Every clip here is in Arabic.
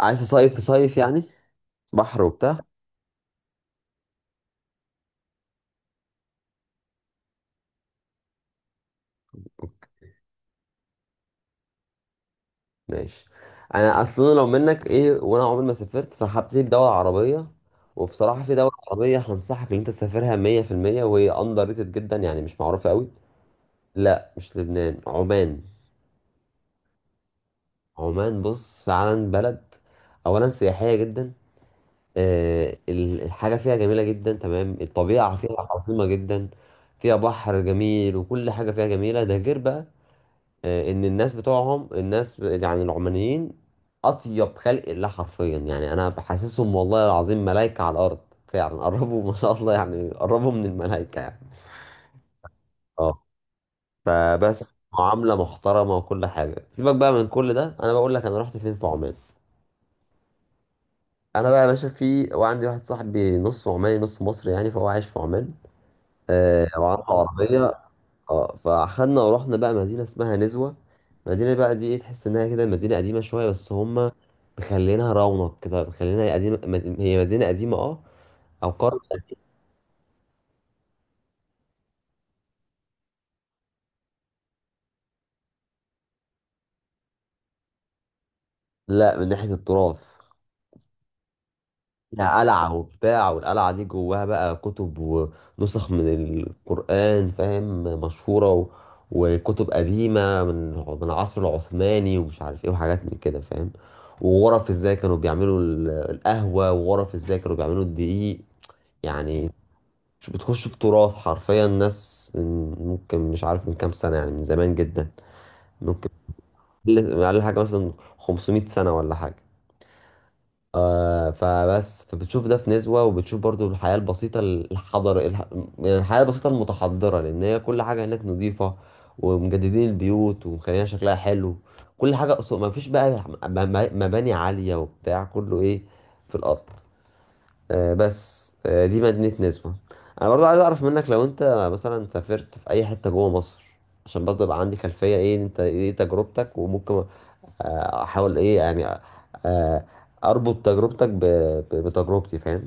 عايز تصيف تصيف يعني بحر وبتاع. ماشي. انا اصلا لو منك ايه، وانا عمري ما سافرت فهبتدي بدولة عربية. وبصراحة في دولة عربية هنصحك ان انت تسافرها 100%، وهي اندر ريتد جدا يعني مش معروفة قوي. لا مش لبنان، عمان. عمان بص فعلا بلد اولا سياحية جدا. الحاجة فيها جميلة جدا، تمام. الطبيعة فيها عظيمة جدا، فيها بحر جميل، وكل حاجة فيها جميلة. ده غير بقى ان الناس بتوعهم، الناس يعني العمانيين، اطيب خلق الله حرفيا. يعني انا بحسسهم والله العظيم ملائكة على الارض، فعلا. قربوا ما شاء الله يعني، قربوا من الملائكة يعني. اه، فبس معاملة محترمة وكل حاجة. سيبك بقى من كل ده، انا بقول لك انا رحت فين في عمان. انا بقى يا باشا في، وعندي واحد صاحبي نص عماني نص مصري يعني، فهو عايش في عمان. آه، وعنده عربية. اه، فاخدنا ورحنا بقى مدينة اسمها نزوة. المدينة بقى دي ايه، تحس انها كده مدينة قديمة شوية، بس هما مخلينها رونق كده، مخلينها قديمة. هي مدينة قديمة اه، او قرية. لا من ناحية التراث. فيها قلعة وبتاع، والقلعة دي جواها بقى كتب ونسخ من القرآن، فاهم؟ مشهورة، و... وكتب قديمة من العصر العثماني ومش عارف ايه، وحاجات من كده فاهم. وغرف ازاي كانوا بيعملوا القهوة، وغرف ازاي كانوا بيعملوا الدقيق يعني. مش بتخش في تراث حرفيا، الناس من ممكن مش عارف من كام سنة يعني، من زمان جدا ممكن. أقل حاجة مثلا 500 سنة ولا حاجة. آه، فبس فبتشوف ده في نسبة، وبتشوف برضو الحياة البسيطة، الحضر يعني الحياة البسيطة المتحضرة، لأن هي كل حاجة هناك نظيفة، ومجددين البيوت، ومخليها شكلها حلو. كل حاجة أصلا، ما فيش بقى مباني عالية وبتاع، كله إيه، في الأرض. بس دي مدينة نسبة. انا برضو عايز اعرف منك لو انت مثلا سافرت في اي حتة جوه مصر، عشان برضو يبقى عندي خلفية ايه انت، ايه تجربتك، وممكن احاول ايه يعني، آه، اربط تجربتك بتجربتي فاهم.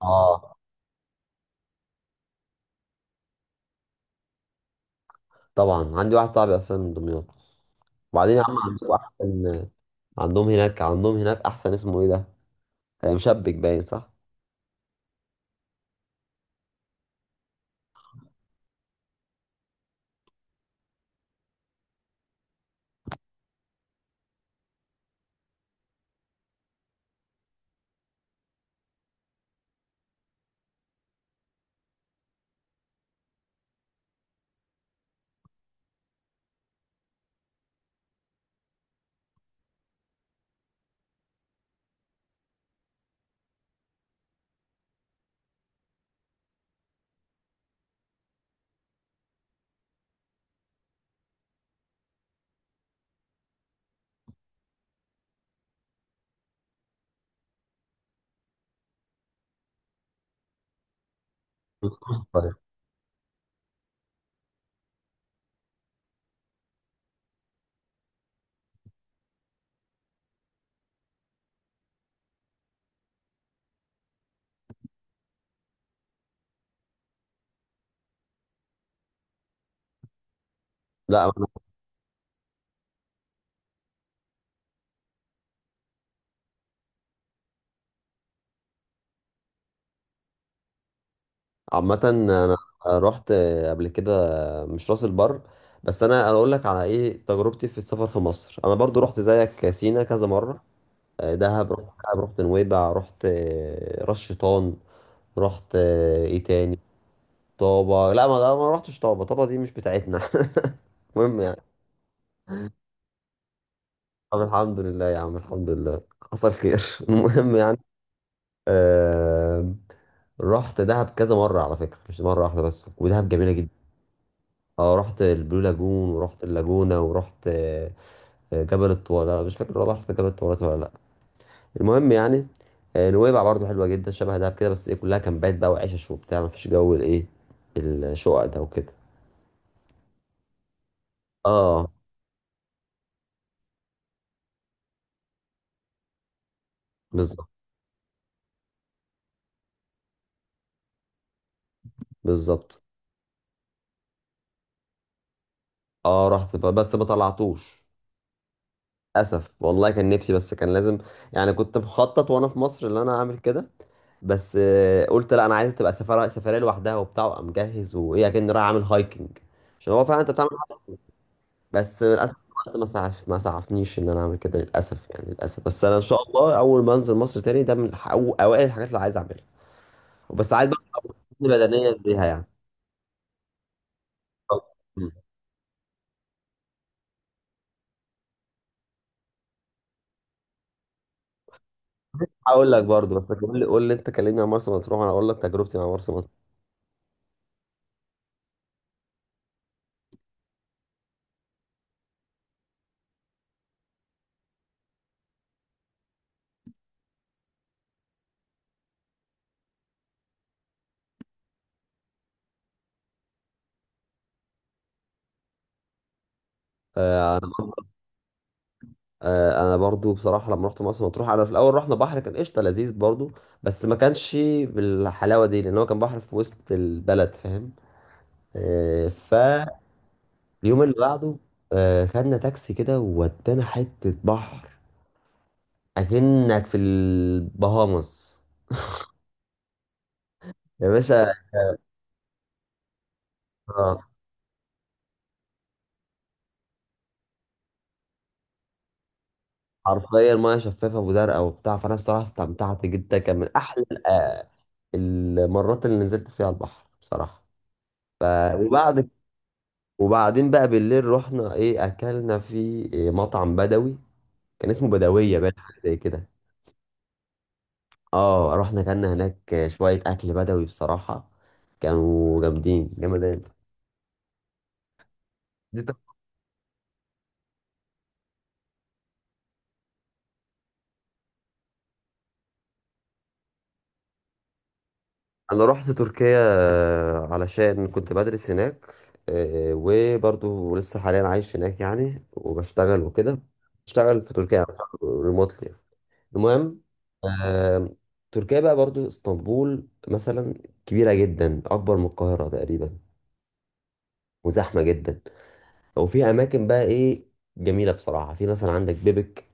اه طبعا عندي واحد صاحبي اصلا من دمياط، وبعدين يا عم عندهم احسن. عندهم هناك احسن اسمه ايه ده، آه، مشبك باين صح. طيب. لا. عامة انا رحت قبل كده مش راس البر، بس انا أنا اقول لك على ايه تجربتي في السفر في مصر. انا برضو رحت زيك سينا كذا مرة، آه، دهب. رحت دهب، رحت نويبع، رحت آه، راس شيطان، رحت آه، ايه تاني، طابة. لا ما رحتش طابة، طابة دي مش بتاعتنا. المهم يعني، طب الحمد لله يا عم، الحمد لله، حصل خير. المهم يعني، آه، رحت دهب كذا مرة على فكرة، مش مرة واحدة بس، ودهب جميلة جدا. اه رحت البلو لاجون، ورحت اللاجونة، ورحت آه، جبل الطويلة، مش فاكر والله رحت جبل الطويلات ولا لأ. المهم يعني، آه، نويبع برضو حلوة جدا، شبه دهب كده، بس ايه كلها كامبات بقى وعيشة وبتاع، مفيش جو الايه الشقق ده وكده. اه بالظبط. بالظبط. اه رحت بس ما طلعتوش. للأسف والله كان نفسي، بس كان لازم يعني، كنت مخطط وانا في مصر ان انا اعمل كده. بس آه، قلت لا، انا عايز تبقى سفرية سفرية لوحدها وبتاع، وابقى مجهز وايه، اكن رايح اعمل هايكنج، عشان هو فعلا انت بتعمل. بس للاسف الوقت ما سعف، ما سعفنيش ان انا اعمل كده للاسف يعني، للاسف. بس انا ان شاء الله اول ما انزل مصر تاني ده من أو اوائل الحاجات اللي عايز اعملها. وبس عايز بقى تكون بدنيا بيها يعني. طب، مم. هقول لك برضو، بس قول لي انت، كلمني عن مرسى مطروح، انا اقول لك تجربتي مع مرسى مطروح. آه، انا برضو بصراحه لما رحت مرسى مطروح، انا في الاول رحنا بحر، كان قشطه لذيذ برضو، بس ما كانش بالحلاوه دي، لان هو كان بحر في وسط البلد فاهم. آه، فاليوم اللي بعده آه، خدنا تاكسي كده وودانا حته بحر، اكنك في البهامس يا باشا. آه، حرفيا ميه شفافه وزرقاء وبتاع، فانا الصراحه استمتعت جدا، كان من احلى آه، المرات اللي نزلت فيها البحر بصراحه. ف... وبعد، وبعدين بقى بالليل رحنا ايه، اكلنا في إيه، مطعم بدوي كان اسمه بدويه بقى حاجه زي كده. اه رحنا اكلنا هناك شويه اكل بدوي بصراحه، كانوا جامدين جامدين. دي، انا رحت تركيا آه، علشان كنت بدرس هناك، آه، وبرضو لسه حاليا عايش هناك يعني، وبشتغل وكده. بشتغل في تركيا ريموتلي. المهم آه، تركيا بقى برضو اسطنبول مثلا كبيرة جدا، اكبر من القاهرة تقريبا، وزحمة جدا. وفي اماكن بقى ايه، جميلة بصراحة. في مثلا عندك بيبك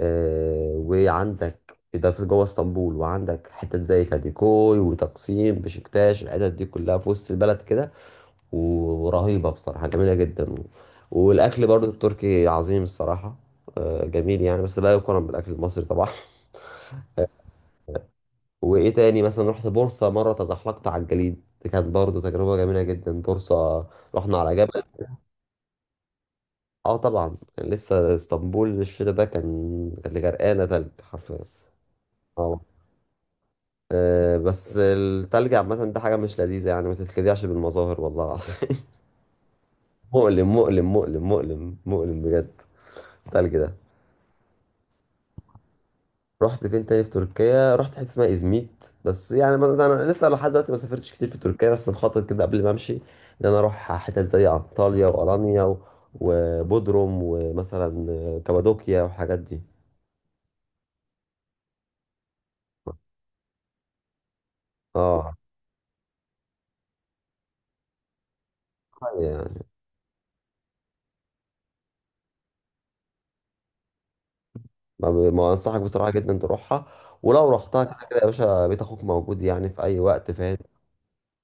آه، وعندك ده في جوه اسطنبول، وعندك حتت زي كاديكوي وتقسيم بشكتاش، الحتت دي كلها في وسط البلد كده، و- ورهيبة بصراحة، جميلة جدا. و... والأكل برضو التركي عظيم الصراحة، آه، جميل يعني، بس لا يقارن بالأكل المصري طبعا. وإيه تاني، مثلا رحت بورصة مرة، تزحلقت على الجليد، دي كانت برضو تجربة جميلة جدا. بورصة رحنا على جبل. اه طبعا، كان لسه اسطنبول الشتا ده كان، كانت غرقانة تلج حرفيا. آه. آه، بس التلج عامة ده حاجة مش لذيذة يعني، ما تتخدعش بالمظاهر والله العظيم. مؤلم مؤلم مؤلم مؤلم مؤلم بجد التلج ده. رحت فين تاني في تركيا؟ رحت حتة اسمها إزميت، بس يعني، ما- انا لسه لحد دلوقتي ما سافرتش كتير في تركيا، بس مخطط كده قبل ما امشي ان انا اروح حتت زي انطاليا والانيا، و- وبودروم، ومثلا آه، كابادوكيا والحاجات دي. اه يعني ما انصحك بصراحة جدا تروحها، ولو رحتها كده كده يا باشا بيت اخوك موجود يعني في اي وقت فاهم.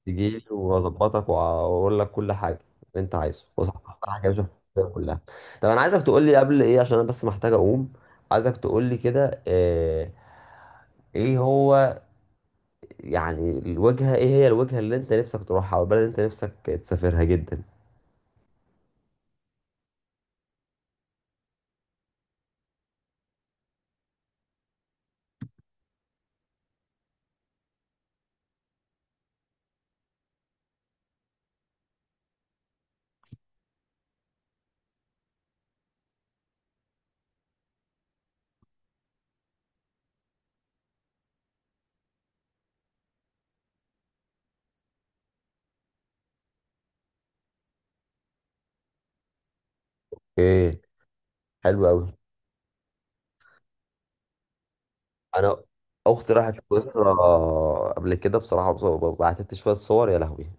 تجيلي واظبطك واقول لك كل حاجه اللي انت عايزه وصح. كل حاجه مش فيها كلها. طب انا عايزك تقول لي قبل ايه، عشان انا بس محتاج اقوم. عايزك تقول لي كده آه، ايه هو يعني الوجهه، ايه هي الوجهه اللي انت نفسك تروحها، او البلد اللي انت نفسك تسافرها جدا؟ ايه، حلو قوي. انا اختي راحت سويسرا قبل كده بصراحه، بعتت لي شويه صور، يا لهوي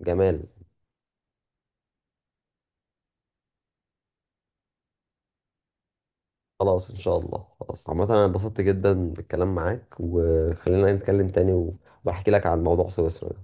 جمال. خلاص ان شاء الله، خلاص. عامة انا انبسطت جدا بالكلام معاك، وخلينا نتكلم تاني، وبحكي لك عن موضوع سويسرا ده.